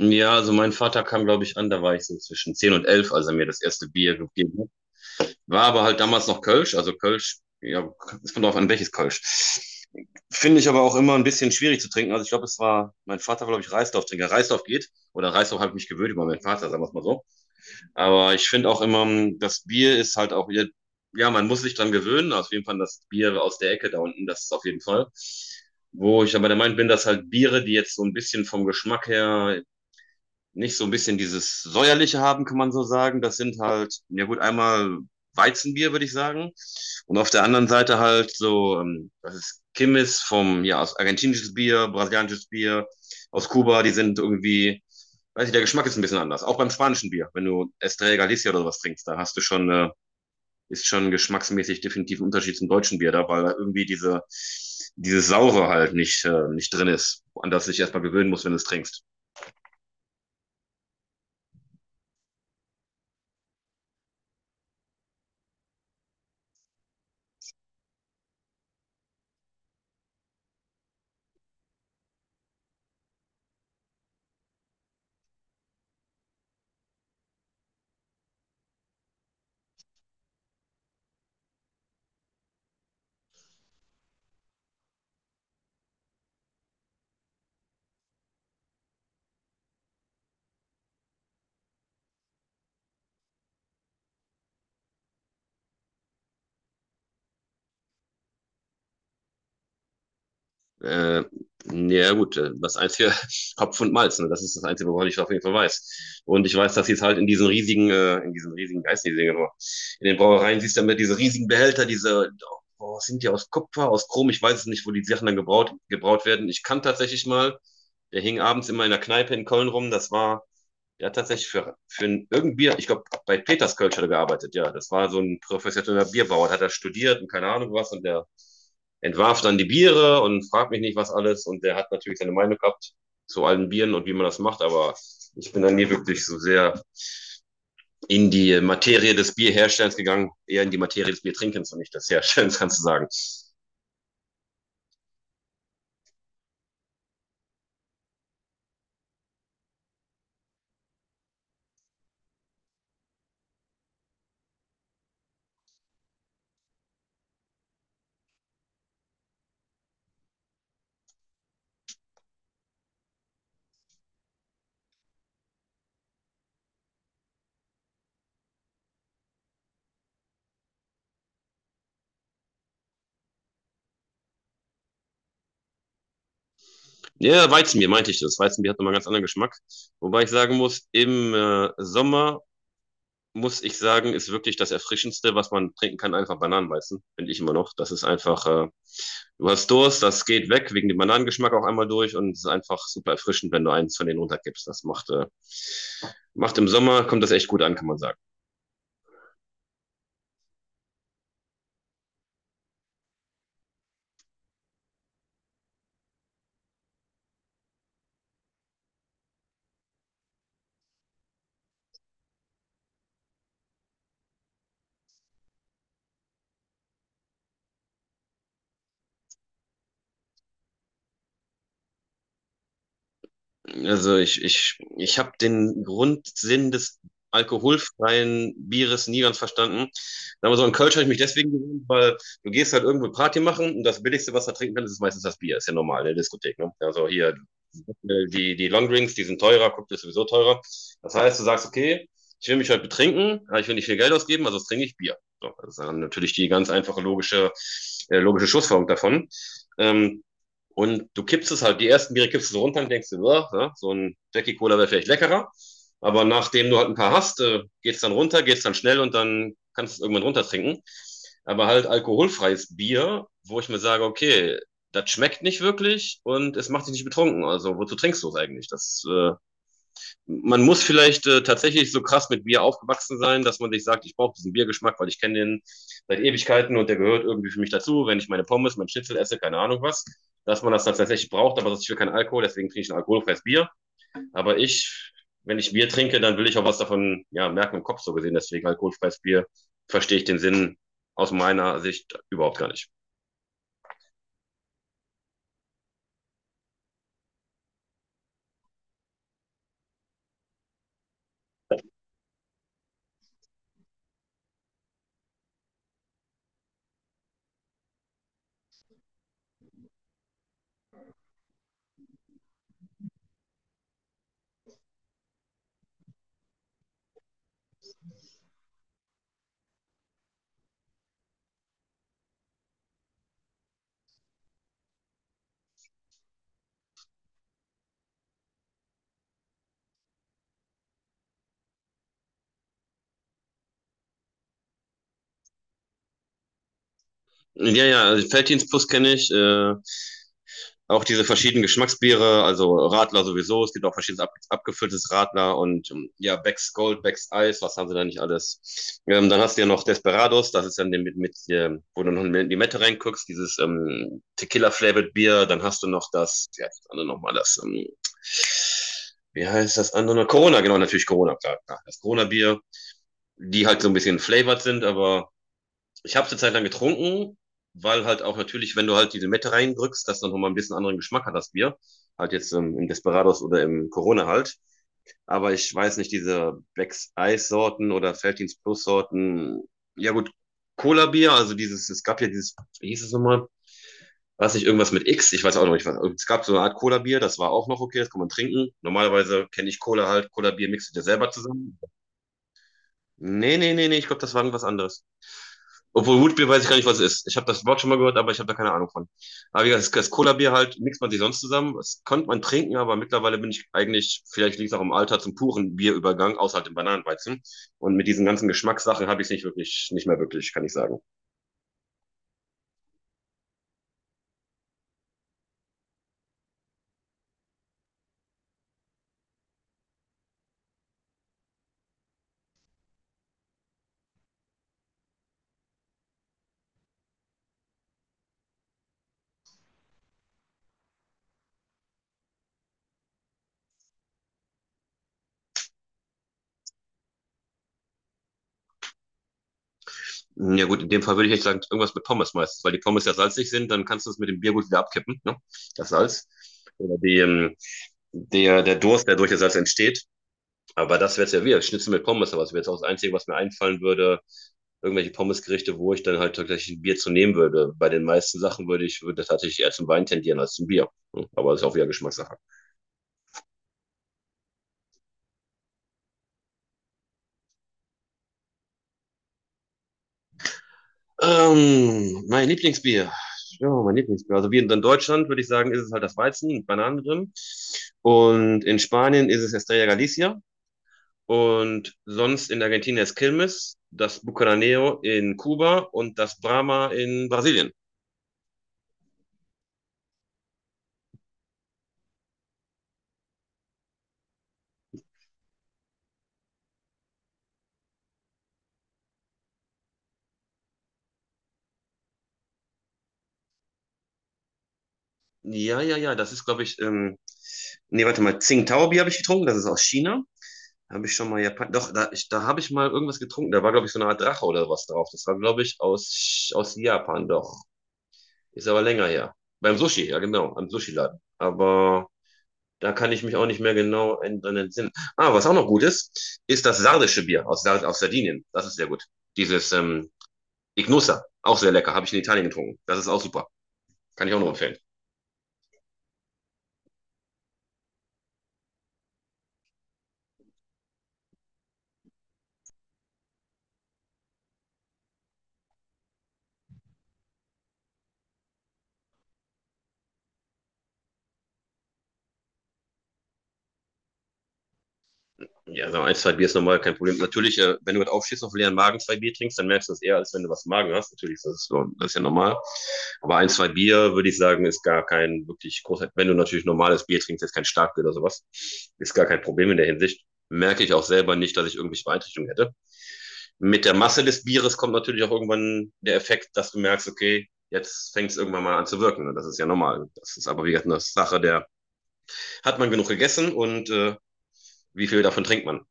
Ja, also mein Vater kam, glaube ich, an, da war ich so zwischen 10 und 11, als er mir das erste Bier gegeben hat. War aber halt damals noch Kölsch, also Kölsch, ja, es kommt darauf an, welches Kölsch. Finde ich aber auch immer ein bisschen schwierig zu trinken. Also ich glaube, mein Vater war, glaube ich, Reisdorf-Trinker. Reisdorf geht, oder Reisdorf habe ich mich gewöhnt über meinen Vater, sagen wir es mal so. Aber ich finde auch immer, das Bier ist halt auch wieder, ja, man muss sich dran gewöhnen, auf jeden Fall das Bier aus der Ecke da unten, das ist auf jeden Fall. Wo ich aber der Meinung bin, dass halt Biere, die jetzt so ein bisschen vom Geschmack her nicht so ein bisschen dieses säuerliche haben, kann man so sagen. Das sind halt, ja gut, einmal Weizenbier, würde ich sagen. Und auf der anderen Seite halt so, das ist Kimmis vom, ja, aus argentinisches Bier, brasilianisches Bier, aus Kuba, die sind irgendwie, weiß ich, der Geschmack ist ein bisschen anders. Auch beim spanischen Bier, wenn du Estrella Galicia oder was trinkst, da hast du schon, ist schon geschmacksmäßig definitiv ein Unterschied zum deutschen Bier da, weil da irgendwie diese, dieses Saure halt nicht, nicht drin ist, an das du dich erstmal gewöhnen musst, wenn du es trinkst. Äh, ja, gut, das einzige Kopf und Malz, ne? Das ist das Einzige, woran ich auf jeden Fall weiß. Und ich weiß, dass sie es halt in diesen riesigen, weiß in den Brauereien siehst du ja immer diese riesigen Behälter, diese, oh, sind die aus Kupfer, aus Chrom, ich weiß es nicht, wo die Sachen dann gebraut werden. Ich kann tatsächlich mal, der hing abends immer in der Kneipe in Köln rum, das war der hat tatsächlich für irgendein Bier, ich glaube, bei Peterskölsch hat er gearbeitet, ja. Das war so ein professioneller Bierbauer, hat er studiert und keine Ahnung was, und der entwarf dann die Biere und fragt mich nicht was alles, und der hat natürlich seine Meinung gehabt zu allen Bieren und wie man das macht, aber ich bin dann nie wirklich so sehr in die Materie des Bierherstellens gegangen, eher in die Materie des Biertrinkens und nicht des Herstellens, kannst du sagen. Ja, Weizenbier meinte ich das. Weizenbier hat nochmal einen ganz anderen Geschmack. Wobei ich sagen muss, im Sommer muss ich sagen, ist wirklich das Erfrischendste, was man trinken kann, einfach Bananenweizen, finde ich immer noch. Das ist einfach, du hast Durst, das geht weg, wegen dem Bananengeschmack auch einmal durch und es ist einfach super erfrischend, wenn du eins von denen runterkippst. Das macht im Sommer, kommt das echt gut an, kann man sagen. Also ich habe den Grundsinn des alkoholfreien Bieres nie ganz verstanden. Sagen wir so, in Kölsch habe ich mich deswegen gewöhnt, weil du gehst halt irgendwo Party machen und das Billigste, was du da trinken kannst, ist meistens das Bier. Ist ja normal in der Diskothek. Ne? Also hier die Longdrinks, die sind teurer, Cocktail ist sowieso teurer. Das heißt, du sagst, okay, ich will mich heute betrinken, aber ich will nicht viel Geld ausgeben, also trinke ich Bier. So, das ist dann natürlich die ganz einfache logische Schlussfolgerung davon. Ähm, und du kippst es halt, die ersten Biere kippst du so runter und denkst dir, ja, so ein Jackie Cola wäre vielleicht leckerer. Aber nachdem du halt ein paar hast, geht's dann runter, geht's dann schnell und dann kannst du es irgendwann runtertrinken. Aber halt alkoholfreies Bier, wo ich mir sage, okay, das schmeckt nicht wirklich und es macht dich nicht betrunken. Also wozu trinkst du es eigentlich? Das Man muss vielleicht tatsächlich so krass mit Bier aufgewachsen sein, dass man sich sagt, ich brauche diesen Biergeschmack, weil ich kenne den seit Ewigkeiten und der gehört irgendwie für mich dazu, wenn ich meine Pommes, mein Schnitzel esse, keine Ahnung was, dass man das dann tatsächlich braucht, aber ich will keinen Alkohol, deswegen trinke ich ein alkoholfreies Bier. Aber ich, wenn ich Bier trinke, dann will ich auch was davon ja, merken im Kopf so gesehen, deswegen alkoholfreies Bier verstehe ich den Sinn aus meiner Sicht überhaupt gar nicht. Ja, ja, also Felddienstbus kenne ich. Auch diese verschiedenen Geschmacksbiere, also Radler sowieso, es gibt auch verschiedenes abgefülltes Radler und ja, Becks Gold, Becks Eis, was haben sie da nicht alles. Dann hast du ja noch Desperados, das ist dann mit, wo du noch in die Mette reinguckst, dieses Tequila-flavored Bier, dann hast du noch das, ja, das andere nochmal, das, wie heißt das andere? Corona, genau, natürlich Corona, klar, klar. Das Corona-Bier, die halt so ein bisschen flavored sind, aber ich habe es eine Zeit lang getrunken, weil halt auch natürlich, wenn du halt diese Mette reindrückst, das dann nochmal ein bisschen anderen Geschmack hat, das Bier. Halt jetzt im Desperados oder im Corona halt. Aber ich weiß nicht, diese Black's Ice Sorten oder Feltins Plus Sorten. Ja gut, Cola Bier, also dieses, es gab ja dieses, wie hieß es nochmal? Weiß nicht, irgendwas mit X, ich weiß auch noch nicht, was. Es gab so eine Art Cola Bier, das war auch noch okay, das kann man trinken. Normalerweise kenne ich Cola halt, Cola Bier mixt du dir selber zusammen. Nee, nee, nee, nee, ich glaube, das war irgendwas anderes. Obwohl Rootbier weiß ich gar nicht, was es ist. Ich habe das Wort schon mal gehört, aber ich habe da keine Ahnung von. Aber wie gesagt, das Cola-Bier halt mixt man sich sonst zusammen. Das konnte man trinken, aber mittlerweile bin ich eigentlich, vielleicht liegt es auch im Alter, zum puren Bierübergang, außer halt dem Bananenweizen. Und mit diesen ganzen Geschmackssachen habe ich es nicht wirklich, nicht mehr wirklich, kann ich sagen. Ja gut, in dem Fall würde ich echt sagen, irgendwas mit Pommes meistens, weil die Pommes ja salzig sind, dann kannst du es mit dem Bier gut wieder abkippen, ne? Das Salz. Oder der Durst, der durch das Salz entsteht. Aber das wäre es ja wieder, Schnitzel mit Pommes, aber das wäre jetzt auch das Einzige, was mir einfallen würde, irgendwelche Pommesgerichte, wo ich dann halt tatsächlich ein Bier zu nehmen würde. Bei den meisten Sachen würde ich würde tatsächlich eher zum Wein tendieren als zum Bier. Hm. Aber das ist auch wieder Geschmackssache. Mein Lieblingsbier. Ja, mein Lieblingsbier. Also wie in Deutschland würde ich sagen, ist es halt das Weizen mit Bananen drin. Und in Spanien ist es Estrella Galicia. Und sonst in Argentinien ist Quilmes, das Bucanero in Kuba und das Brahma in Brasilien. Ja, ja, ja, das ist, glaube ich, nee, warte mal, Tsingtao-Bier habe ich getrunken, das ist aus China. Habe ich schon mal Japan, doch, da, ich, da habe ich mal irgendwas getrunken, da war, glaube ich, so eine Art Drache oder was drauf. Das war, glaube ich, aus, aus Japan, doch. Ist aber länger her. Beim Sushi, ja, genau, am Sushi-Laden. Aber da kann ich mich auch nicht mehr genau dran entsinnen. Ah, was auch noch gut ist, ist das sardische Bier aus Sardinien. Das ist sehr gut. Dieses Ignusa, auch sehr lecker, habe ich in Italien getrunken. Das ist auch super. Kann ich auch nur empfehlen. Ja, so ein, zwei Bier ist normal, kein Problem. Natürlich, wenn du gerade aufstehst, auf leeren Magen zwei Bier trinkst, dann merkst du es eher, als wenn du was im Magen hast. Natürlich, das ist, das ist ja normal. Aber ein, zwei Bier, würde ich sagen, ist gar kein wirklich großer, wenn du natürlich normales Bier trinkst, jetzt kein Starkbier oder sowas, ist gar kein Problem in der Hinsicht. Merke ich auch selber nicht, dass ich irgendwelche Beeinträchtigungen hätte. Mit der Masse des Bieres kommt natürlich auch irgendwann der Effekt, dass du merkst, okay, jetzt fängt es irgendwann mal an zu wirken. Und das ist ja normal. Das ist aber wie gesagt eine Sache der, hat man genug gegessen und wie viel davon trinkt man?